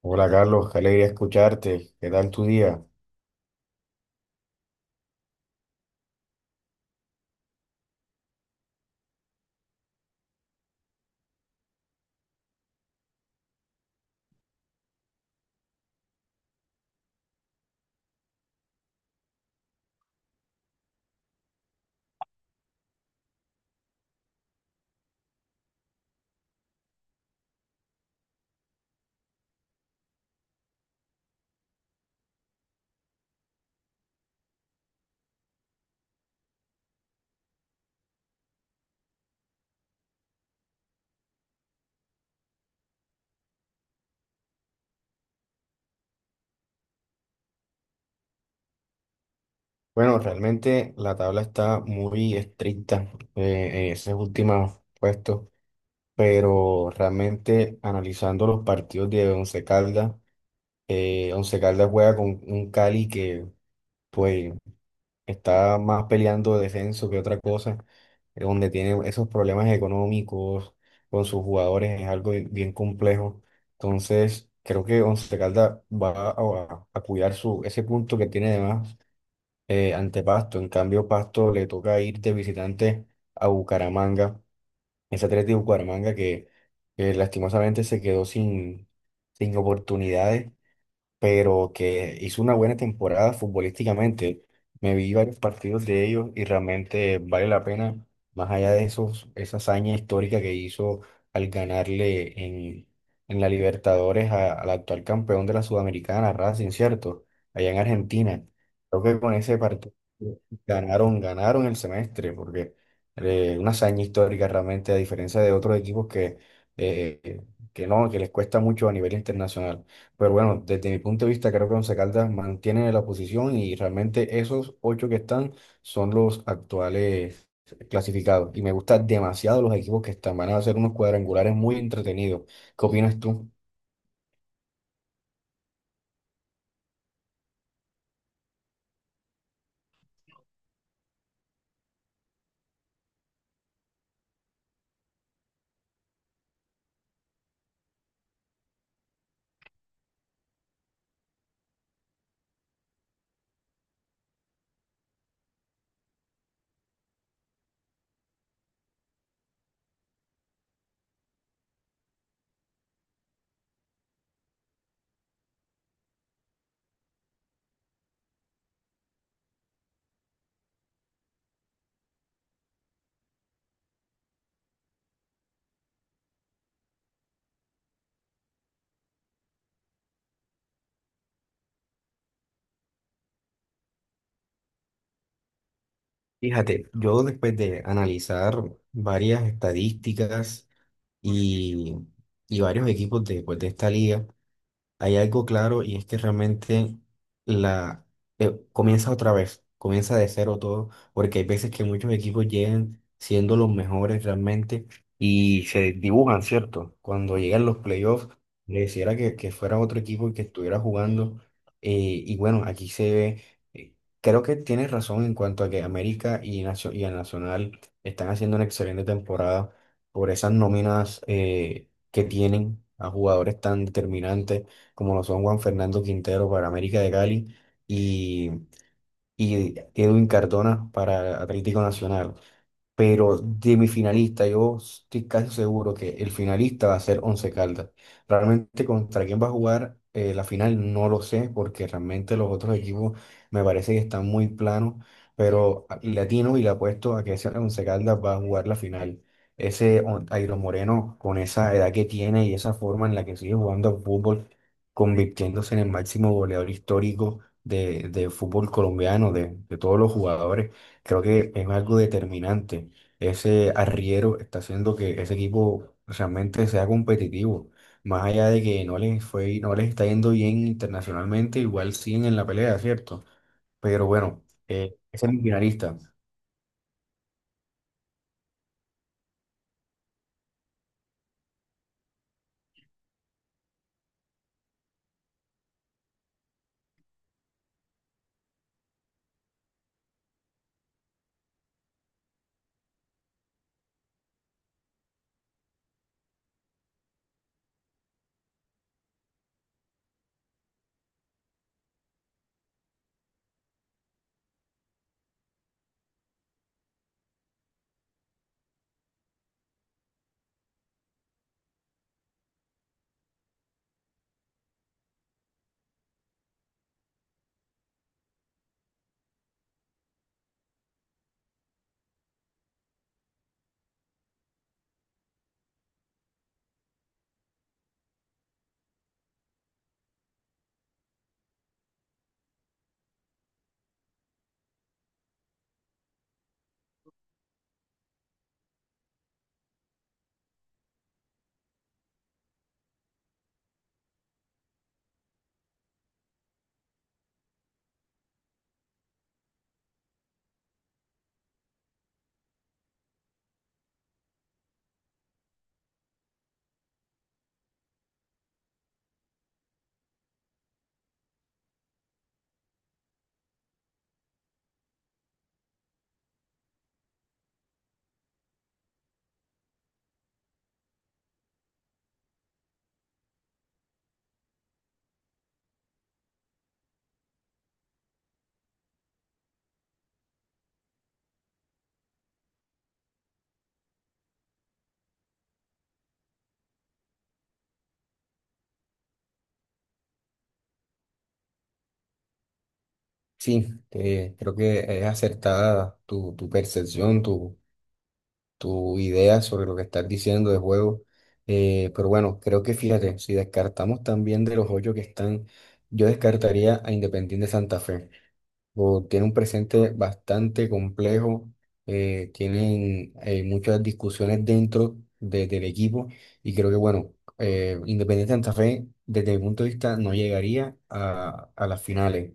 Hola Carlos, qué alegría escucharte. ¿Qué tal tu día? Bueno, realmente la tabla está muy estricta en esos últimos puestos, pero realmente analizando los partidos de Once Caldas, Once Caldas juega con un Cali que, pues, está más peleando descenso que otra cosa, donde tiene esos problemas económicos con sus jugadores, es algo bien complejo. Entonces, creo que Once Caldas va a cuidar ese punto que tiene de más ante Pasto. En cambio, Pasto le toca ir de visitante a Bucaramanga, ese Atlético de Bucaramanga que lastimosamente se quedó sin oportunidades pero que hizo una buena temporada futbolísticamente. Me vi varios partidos de ellos y realmente vale la pena, más allá de esa hazaña histórica que hizo al ganarle en la Libertadores al actual campeón de la Sudamericana, Racing, ¿cierto? Allá en Argentina. Creo que con ese partido ganaron el semestre, porque una hazaña histórica realmente, a diferencia de otros equipos eh, que no, que les cuesta mucho a nivel internacional. Pero bueno, desde mi punto de vista, creo que Once Caldas mantiene la posición y realmente esos ocho que están son los actuales clasificados. Y me gustan demasiado los equipos que están. Van a hacer unos cuadrangulares muy entretenidos. ¿Qué opinas tú? Fíjate, yo después de analizar varias estadísticas y, y varios equipos de, pues, de esta liga, hay algo claro y es que realmente la comienza otra vez, comienza de cero todo, porque hay veces que muchos equipos llegan siendo los mejores realmente y se dibujan, ¿cierto? Cuando llegan los playoffs, le quisiera que fuera otro equipo el que estuviera jugando. eh, y bueno, aquí se ve, eh, creo que tienes razón en cuanto a que América y el Nacional están haciendo una excelente temporada por esas nóminas que tienen a jugadores tan determinantes como lo son Juan Fernando Quintero para América de Cali y, y Edwin Cardona para Atlético Nacional. Pero de mi finalista, yo estoy casi seguro que el finalista va a ser Once Caldas. Realmente contra quién va a jugar la final no lo sé, porque realmente los otros equipos me parece que están muy planos, pero le atino y le apuesto a que ese Once Caldas va a jugar la final. Ese Airo Moreno, con esa edad que tiene y esa forma en la que sigue jugando al fútbol, convirtiéndose en el máximo goleador histórico de fútbol colombiano, de todos los jugadores creo que es algo determinante, ese arriero está haciendo que ese equipo realmente sea competitivo. Más allá de que no les está yendo bien internacionalmente, igual siguen en la pelea, ¿cierto? Pero bueno, es el finalista. Sí, creo que es acertada tu percepción, tu idea sobre lo que estás diciendo de juego. Pero bueno, creo que fíjate, si descartamos también de los ocho que están, yo descartaría a Independiente Santa Fe. O tiene un presente bastante complejo, tienen muchas discusiones dentro del equipo y creo que, bueno, Independiente Santa Fe, desde mi punto de vista, no llegaría a las finales.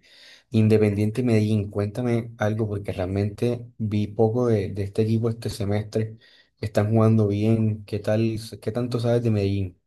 Independiente Medellín, cuéntame algo porque realmente vi poco de este equipo este semestre. Están jugando bien, ¿qué tal, qué tanto sabes de Medellín?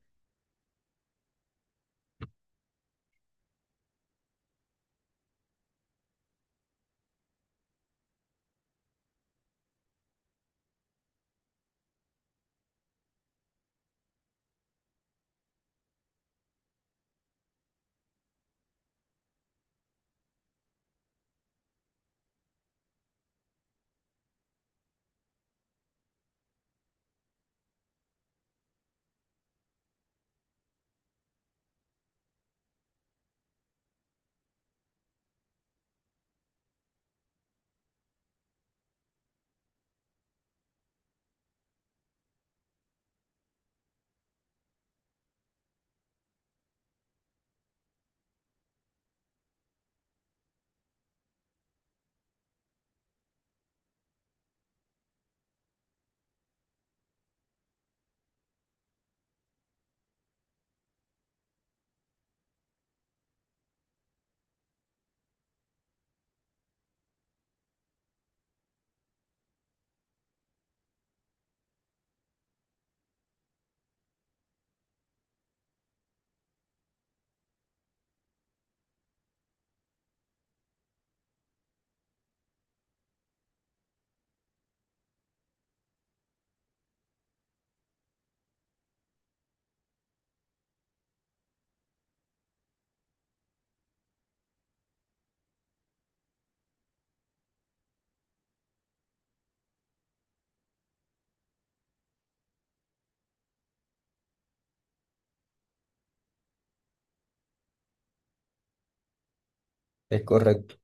¿Es correcto?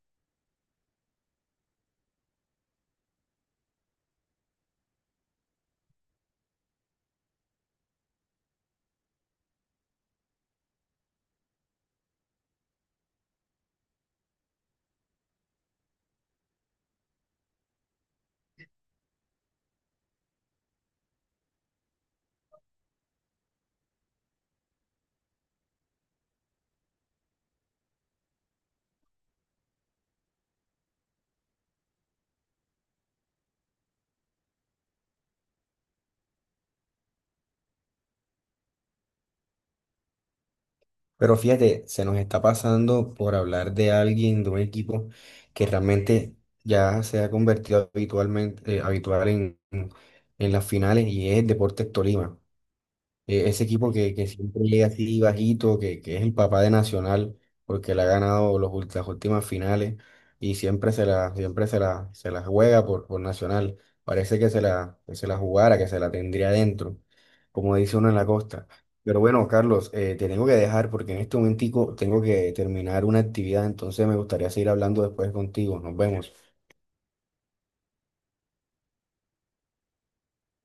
Pero fíjate, se nos está pasando por hablar de alguien, de un equipo que realmente ya se ha convertido habitualmente, habitual en las finales y es Deportes Tolima. Ese equipo que siempre llega así bajito, que es el papá de Nacional, porque le ha ganado las últimas finales y se la juega por Nacional. Parece que que se la jugara, que se la tendría dentro, como dice uno en la costa. Pero bueno, Carlos, te tengo que dejar porque en este momentico tengo que terminar una actividad, entonces me gustaría seguir hablando después contigo. Nos vemos.